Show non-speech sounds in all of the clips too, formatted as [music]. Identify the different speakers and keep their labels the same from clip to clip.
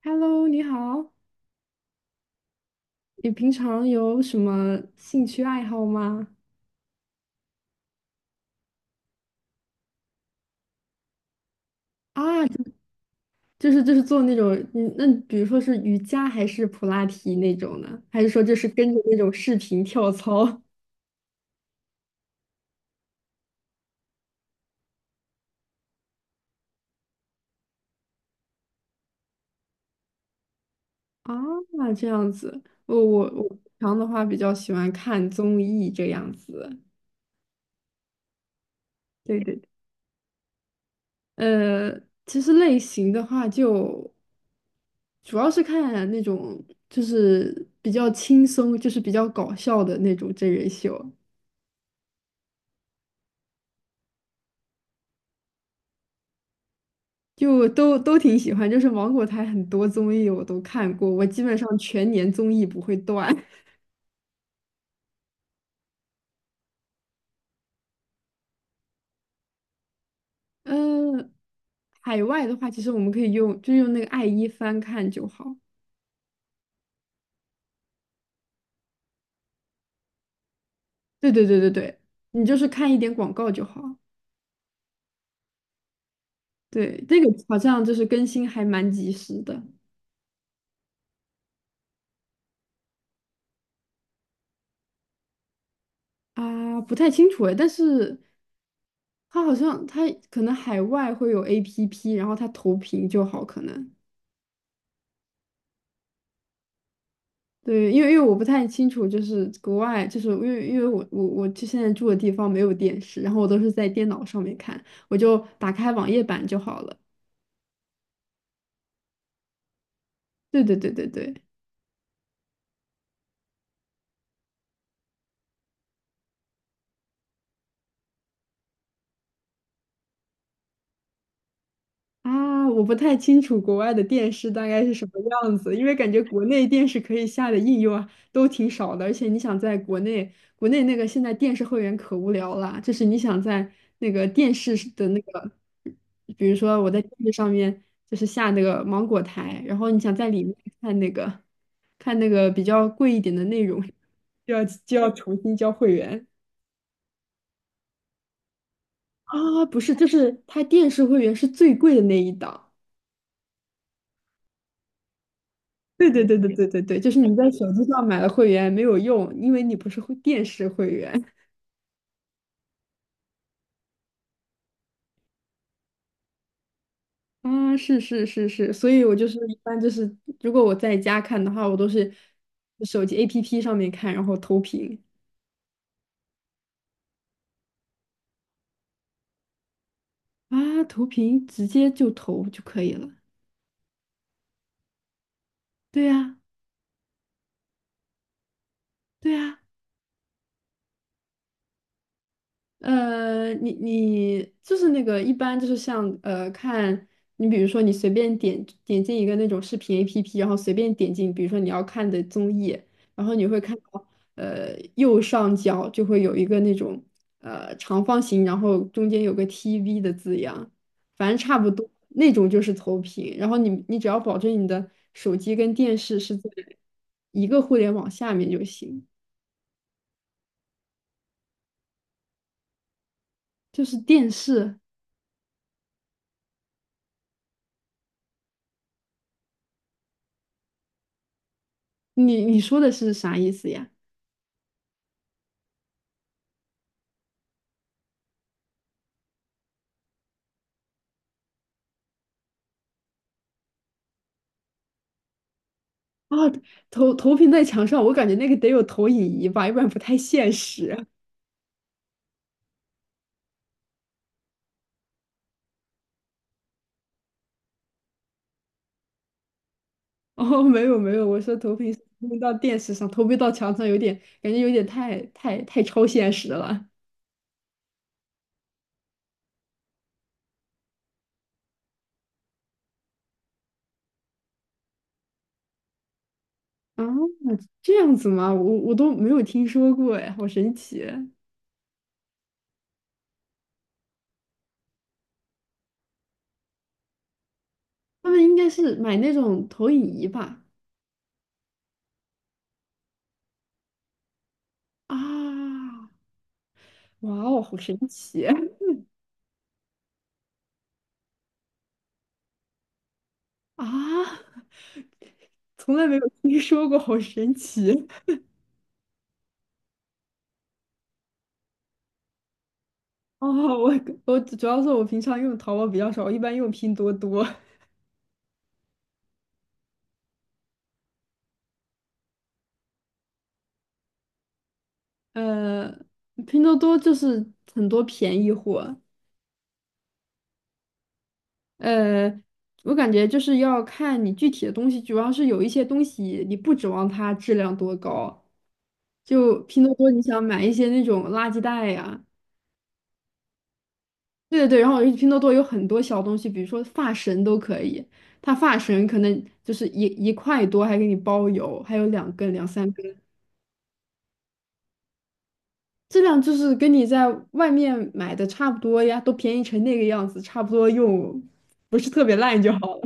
Speaker 1: Hello，你好，你平常有什么兴趣爱好吗？啊，就是做那种，那比如说是瑜伽还是普拉提那种呢？还是说就是跟着那种视频跳操？[laughs] 啊，这样子，我平常的话比较喜欢看综艺这样子。对对，呃，其实类型的话就主要是看那种就是比较轻松，就是比较搞笑的那种真人秀。就都挺喜欢，就是芒果台很多综艺我都看过，我基本上全年综艺不会断。[laughs] 嗯，海外的话，其实我们可以用，就用那个爱一翻看就好。对对对对对，你就是看一点广告就好。对，这个好像就是更新还蛮及时的啊，不太清楚哎，但是它好像可能海外会有 APP，然后它投屏就好，可能。对，因为我不太清楚，就是国外，就是因为我就现在住的地方没有电视，然后我都是在电脑上面看，我就打开网页版就好了。对对对对对，啊，我不太清楚国外的电视大概是什么样子，因为感觉国内电视可以下的应用啊都挺少的，而且你想在国内，国内那个现在电视会员可无聊了，就是你想在那个电视是的那个，比如说我在电视上面就是下那个芒果台，然后你想在里面看那个看那个比较贵一点的内容，就要重新交会员啊，不是，就是它电视会员是最贵的那一档。对对对对对对对，就是你在手机上买了会员没有用，因为你不是会电视会员。[laughs] 啊，是是是是，所以我就是一般就是，如果我在家看的话，我都是手机 APP 上面看，然后投屏啊，投屏直接就投就可以了。对呀，对呀。你就是那个一般就是像看你比如说你随便点进一个那种视频 APP，然后随便点进，比如说你要看的综艺，然后你会看到右上角就会有一个那种长方形，然后中间有个 TV 的字样，反正差不多那种就是投屏，然后你只要保证你的手机跟电视是在一个互联网下面就行，就是电视，你说的是啥意思呀？啊，投投屏在墙上，我感觉那个得有投影仪吧，要不然不太现实。[laughs] 哦，没有没有，我说投屏是投屏到电视上，投屏到墙上有点感觉有点太超现实了啊，这样子吗？我都没有听说过哎，好神奇。他们应该是买那种投影仪吧？啊，哇哦，好神奇 [laughs] 啊！从来没有听说过，好神奇。[laughs] 哦，我我主要是我平常用淘宝比较少，我一般用拼多多。呃，拼多多就是很多便宜货，呃，我感觉就是要看你具体的东西，主要是有一些东西你不指望它质量多高，就拼多多你想买一些那种垃圾袋呀，对对对，然后拼多多有很多小东西，比如说发绳都可以，它发绳可能就是一块多还给你包邮，还有两根两三根。质量就是跟你在外面买的差不多呀，都便宜成那个样子，差不多用，不是特别烂就好了。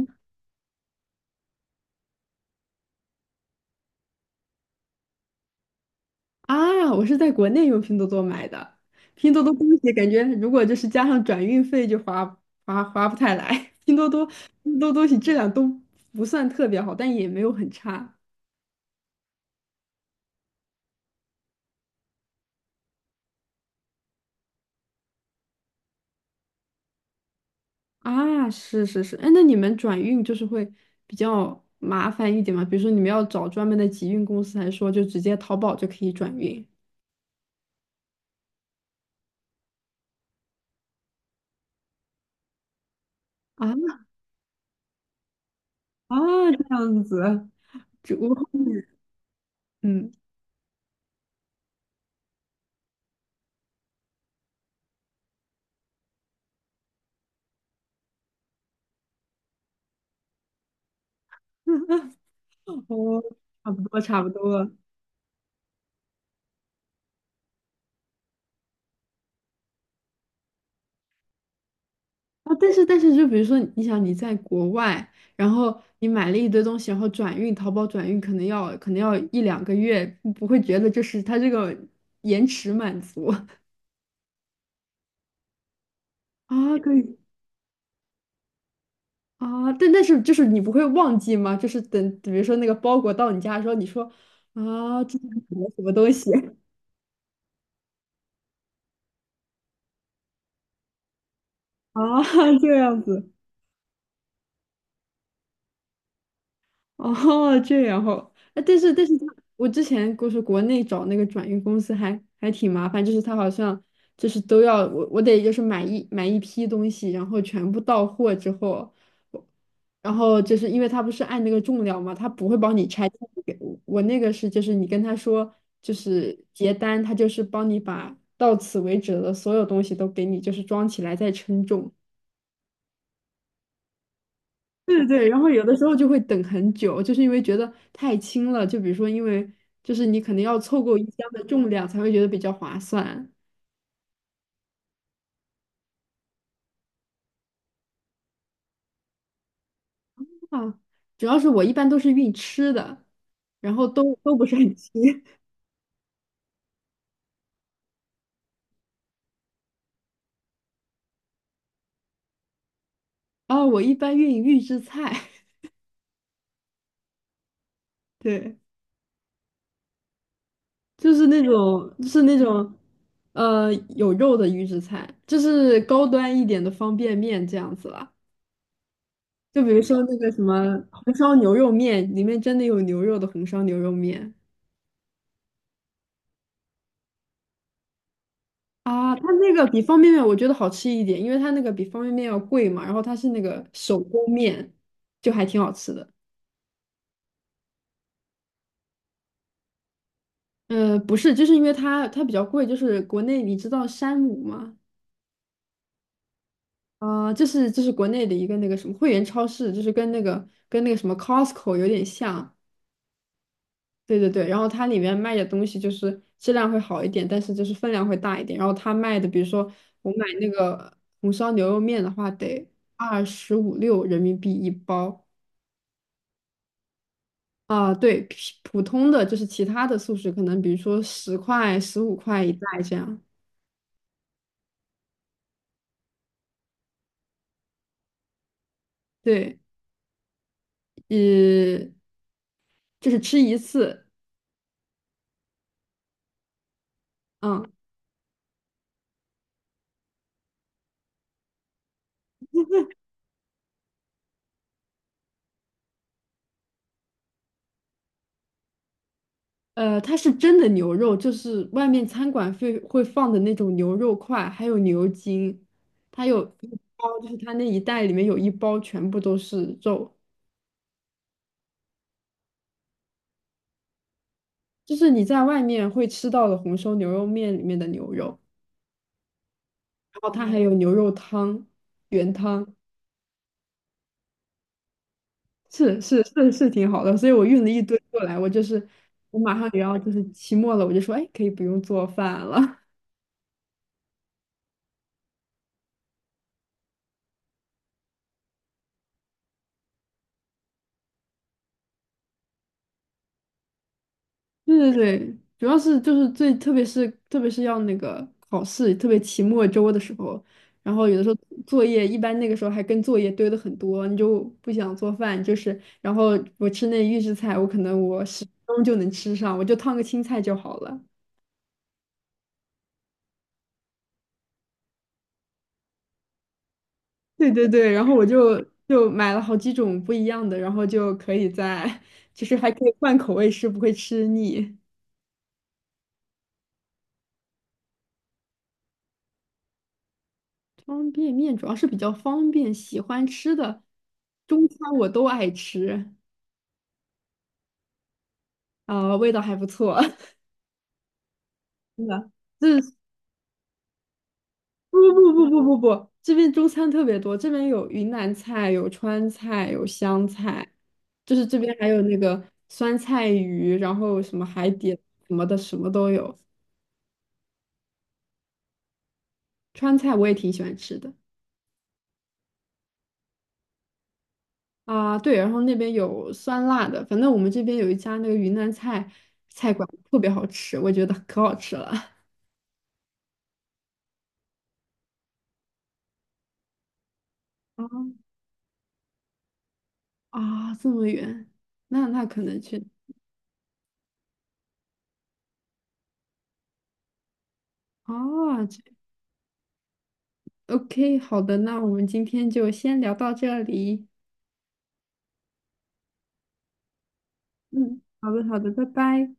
Speaker 1: [laughs] 啊，我是在国内用拼多多买的，拼多多东西感觉如果就是加上转运费就划不太来，[laughs] 拼多多东西质量都不算特别好，但也没有很差。啊，是是是，哎，那你们转运就是会比较麻烦一点吗？比如说你们要找专门的集运公司，还是说就直接淘宝就可以转运？啊？啊，这样子，就我嗯，[laughs] 哦，差不多差不多啊。但是但是，就比如说，你想你在国外，然后你买了一堆东西，然后转运，淘宝转运可能要一两个月，不会觉得就是它这个延迟满足 [laughs] 啊，可以啊。但但是就是你不会忘记吗？就是等比如说那个包裹到你家的时候，你说啊，这是什么什么东西 [laughs] 啊？这样子。[laughs] 哦，这然后，哎，但是但是他，我之前就是国内找那个转运公司还挺麻烦，就是他好像就是都要我得就是买一批东西，然后全部到货之后，我然后就是因为他不是按那个重量嘛，他不会帮你拆件给我，我那个是就是你跟他说就是结单，他就是帮你把到此为止的所有东西都给你就是装起来再称重。对对，然后有的时候就会等很久，就是因为觉得太轻了。就比如说，因为就是你可能要凑够一箱的重量才会觉得比较划算啊。主要是我一般都是运吃的，然后都不是很吃。[laughs] 啊，我一般运预制菜，[laughs] 对，就是那种就是那种有肉的预制菜，就是高端一点的方便面这样子啦。就比如说那个什么红烧牛肉面，里面真的有牛肉的红烧牛肉面。啊，它那个比方便面我觉得好吃一点，因为它那个比方便面要贵嘛，然后它是那个手工面，就还挺好吃的。不是，就是因为它比较贵，就是国内你知道山姆吗？啊、这是国内的一个那个什么会员超市，就是跟那个跟那个什么 Costco 有点像，对对对。然后它里面卖的东西就是质量会好一点，但是就是分量会大一点。然后它卖的，比如说我买那个红烧牛肉面的话，得25、6人民币一包，啊，对，普通的就是其他的素食，可能比如说10块、15块一袋这样。对，呃，就是吃一次，嗯，它是真的牛肉，就是外面餐馆会放的那种牛肉块，还有牛筋，它有一包，就是它那一袋里面有一包全部都是肉，就是你在外面会吃到的红烧牛肉面里面的牛肉，然后它还有牛肉汤，原汤。是是是是挺好的，所以我运了一堆过来，我就是我马上也要就是期末了，我就说，哎，可以不用做饭了。[laughs] 对对对，主要是就是最特别是要那个考试，特别期末周的时候，然后有的时候作业一般那个时候还跟作业堆的很多，你就不想做饭，就是然后我吃那预制菜，我可能我10分钟就能吃上，我就烫个青菜就好了。对对对，然后我就就买了好几种不一样的，然后就可以在，其实还可以换口味吃，不会吃腻。方便面主要是比较方便，喜欢吃的中餐我都爱吃，啊、味道还不错，[laughs] 真的。这不，这边中餐特别多，这边有云南菜，有川菜，有湘菜，就是这边还有那个酸菜鱼，然后什么海底什么的，什么都有。川菜我也挺喜欢吃的。啊，对，然后那边有酸辣的，反正我们这边有一家那个云南菜菜馆特别好吃，我觉得可好吃了。[laughs] 啊啊，这么远，那那可能去啊，这 OK，好的，那我们今天就先聊到这里。嗯，好的，好的，拜拜。